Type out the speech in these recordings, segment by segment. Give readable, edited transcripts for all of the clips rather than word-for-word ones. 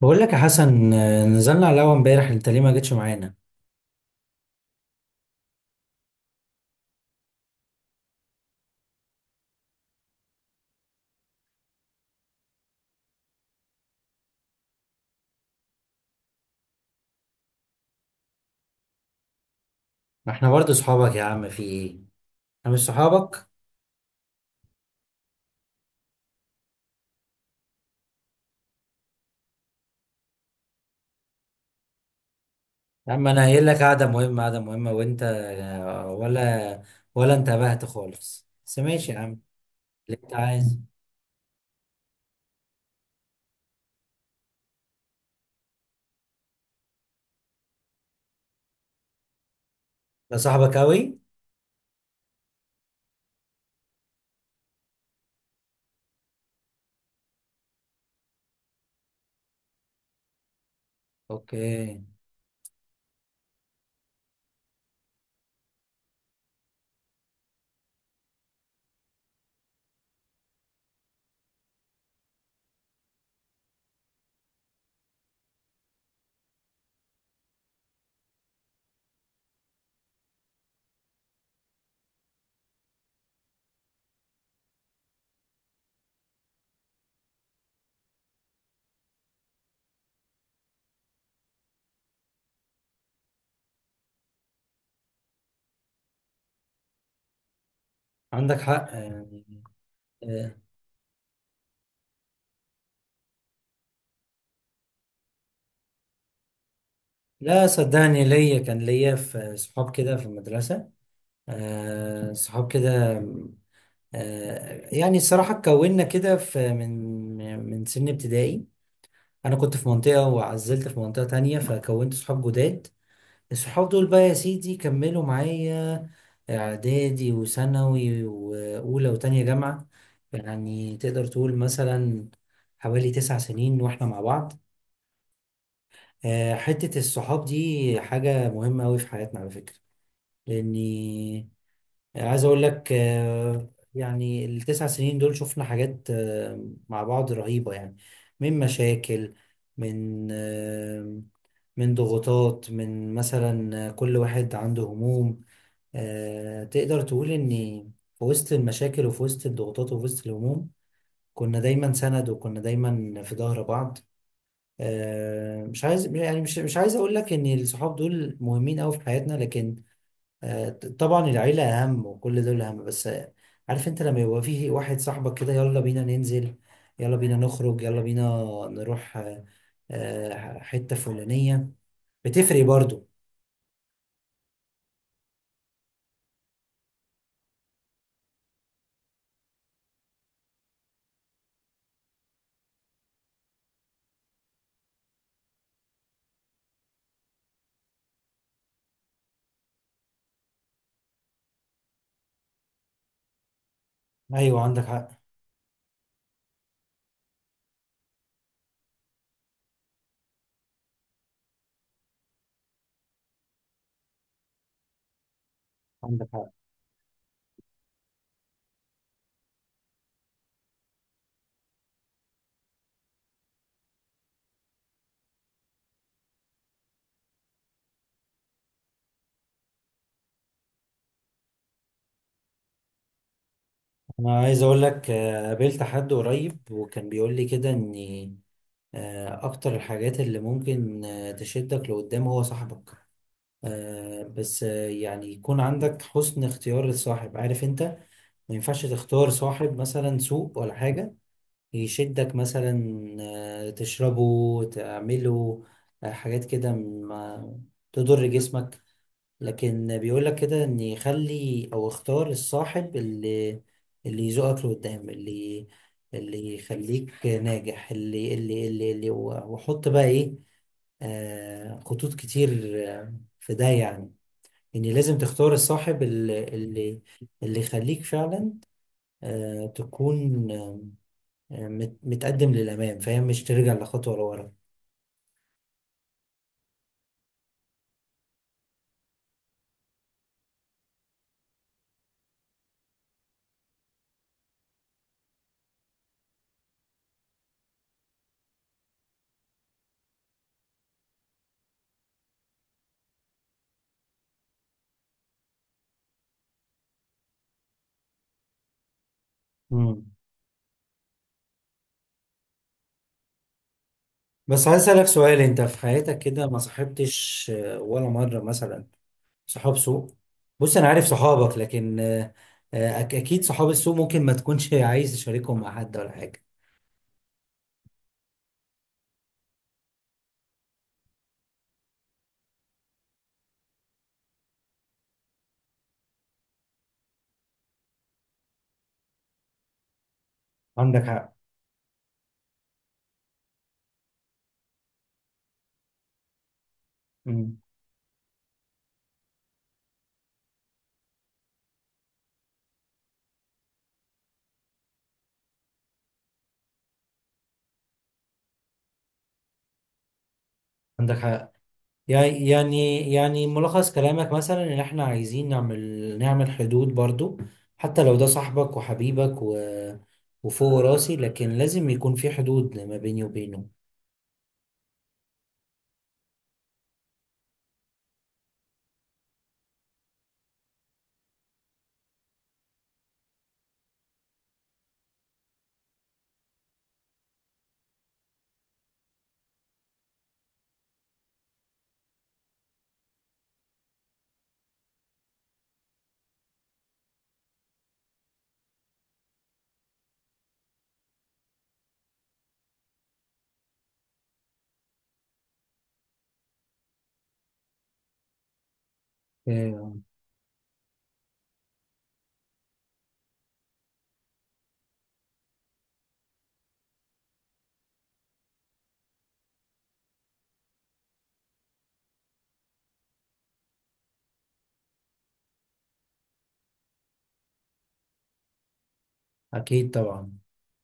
بقول لك يا حسن، نزلنا على القهوة امبارح. انت ليه ما جيتش معانا؟ ما احنا برضه صحابك يا عم، في ايه؟ انا مش صحابك؟ يا عم انا قايل لك قعدة مهمة قعدة مهمة، وانت ولا انتبهت خالص. بس ماشي يا عم، اللي انت عايز. ده صاحبك قوي؟ اوكي. عندك حق يعني. آه، لا صدقني، ليا كان ليا في صحاب كده في المدرسة، صحاب كده. يعني الصراحة اتكوننا كده في من سن ابتدائي. انا كنت في منطقه وعزلت في منطقه تانية، فكونت صحاب جداد. الصحاب دول بقى يا سيدي كملوا معايا اعدادي وثانوي واولى وتانية جامعه. يعني تقدر تقول مثلا حوالي تسع سنين واحنا مع بعض. حته الصحاب دي حاجه مهمه قوي في حياتنا على فكره. لاني يعني عايز اقول لك، يعني التسع سنين دول شفنا حاجات مع بعض رهيبة يعني. من مشاكل، من من ضغوطات، من مثلا كل واحد عنده هموم. تقدر تقول ان في وسط المشاكل وفي وسط الضغوطات وفي وسط الهموم، كنا دايما سند، وكنا دايما في ظهر بعض. مش عايز يعني مش عايز اقول لك ان الصحاب دول مهمين قوي في حياتنا، لكن طبعا العيلة أهم وكل دول أهم. بس عارف أنت، لما يبقى فيه واحد صاحبك كده، يلا بينا ننزل، يلا بينا نخرج، يلا بينا نروح حتة فلانية، بتفرق برضو. أيوة عندك حق. عندك حق. أنا عايز أقول لك، قابلت حد قريب وكان بيقول لي كده إن أكتر الحاجات اللي ممكن تشدك لقدام هو صاحبك. بس يعني يكون عندك حسن اختيار الصاحب، عارف أنت. ما ينفعش تختار صاحب مثلا سوق ولا حاجة، يشدك مثلا تشربه تعمله حاجات كده ما تضر جسمك. لكن بيقولك كده ان يخلي او اختار الصاحب اللي يزقك لقدام، اللي يخليك ناجح، اللي وحط بقى ايه، خطوط كتير آه، في ده. يعني ان لازم تختار الصاحب اللي يخليك فعلا تكون متقدم للأمام، فاهم؟ مش ترجع لخطوة لورا. مم. بس عايز أسألك سؤال، أنت في حياتك كده ما صاحبتش ولا مرة مثلا صحاب سوء؟ بص أنا عارف صحابك، لكن أكيد صحاب السوء ممكن ما تكونش عايز تشاركهم مع حد ولا حاجة. عندك حق. مم. عندك حق. يعني يعني ملخص كلامك مثلا ان احنا عايزين نعمل حدود برضو، حتى لو ده صاحبك وحبيبك، و... وفوق راسي، لكن لازم يكون في حدود ما بيني وبينه. آه، اكيد طبعا.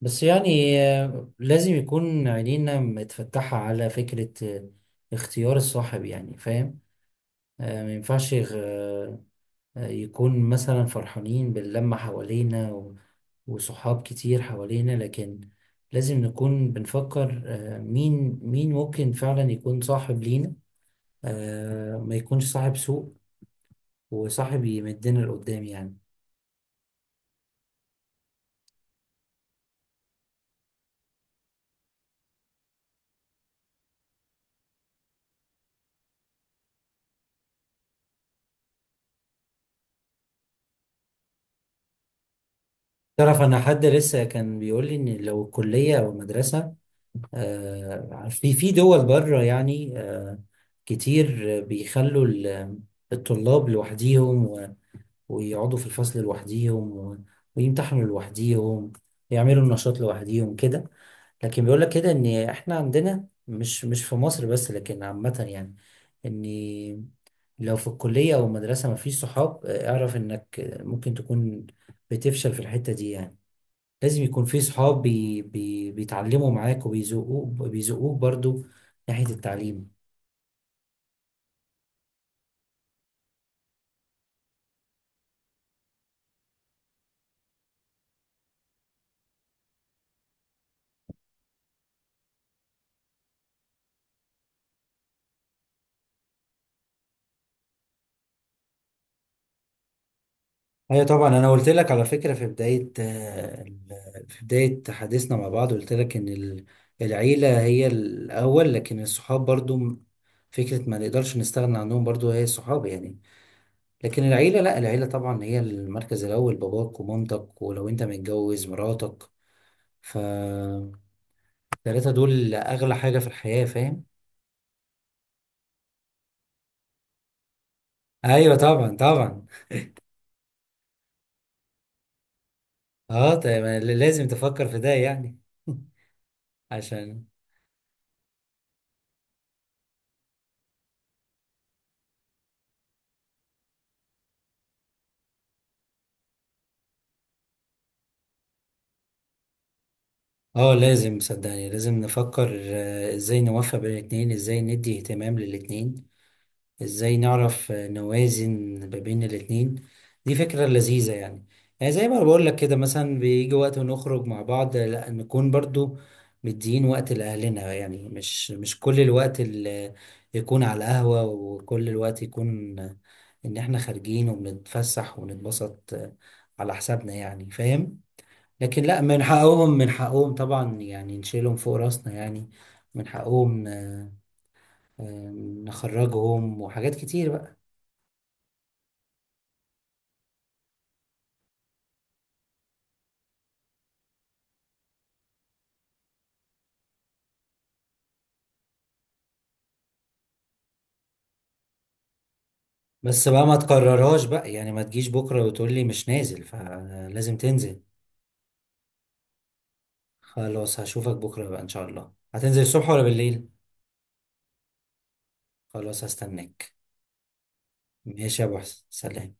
بس يعني لازم يكون عينينا متفتحة على فكرة اختيار الصاحب، يعني فاهم. ما ينفعش يكون مثلا فرحانين باللمة حوالينا و- وصحاب كتير حوالينا، لكن لازم نكون بنفكر مين ممكن فعلا يكون صاحب لينا. ما يكونش صاحب سوء، وصاحب يمدنا لقدام يعني. تعرف، انا حد لسه كان بيقول لي ان لو الكليه او المدرسه في دول بره يعني، كتير بيخلوا ال- الطلاب لوحديهم، ويقعدوا في الفصل لوحديهم و- ويمتحنوا لوحديهم، يعملوا النشاط لوحديهم كده. لكن بيقول لك كده ان احنا عندنا مش في مصر بس، لكن عامة يعني، ان لو في الكلية او المدرسة مفيش صحاب، اعرف انك ممكن تكون بتفشل في الحتة دي يعني. لازم يكون في صحاب بي بي بيتعلموا معاك وبيزقوك، بيزقوك برضو ناحية التعليم. ايوه طبعا، انا قلت لك على فكره في بدايه، في بدايه حديثنا مع بعض قلت لك ان ال- العيله هي الاول، لكن الصحاب برضو م- فكره ما نقدرش نستغنى عنهم برضو هي الصحاب يعني. لكن العيله لا، العيله طبعا هي المركز الاول، باباك ومامتك، ولو انت متجوز مراتك، فالثلاثه دول اغلى حاجه في الحياه فاهم. ايوه طبعا طبعا. اه طيب، لازم تفكر في ده يعني. عشان اه لازم، صدقني لازم نفكر ازاي نوفق بين الاتنين، ازاي ندي اهتمام للاتنين، ازاي نعرف نوازن ما بين الاتنين. دي فكرة لذيذة يعني. يعني زي ما بقول لك كده، مثلا بيجي وقت ونخرج مع بعض، لا نكون برضو مدين وقت لأهلنا يعني. مش كل الوقت اللي يكون على القهوة، وكل الوقت يكون إن إحنا خارجين وبنتفسح ونتبسط على حسابنا يعني، فاهم؟ لكن لا، من حقهم، من حقهم طبعا يعني نشيلهم فوق راسنا يعني. من حقهم ن- نخرجهم، وحاجات كتير بقى. بس بقى ما تكررهاش بقى، يعني ما تجيش بكرة وتقول لي مش نازل، فلازم تنزل. خلاص، هشوفك بكرة بقى، إن شاء الله هتنزل الصبح ولا بالليل؟ خلاص هستناك. ماشي يا أبو حسن، سلام.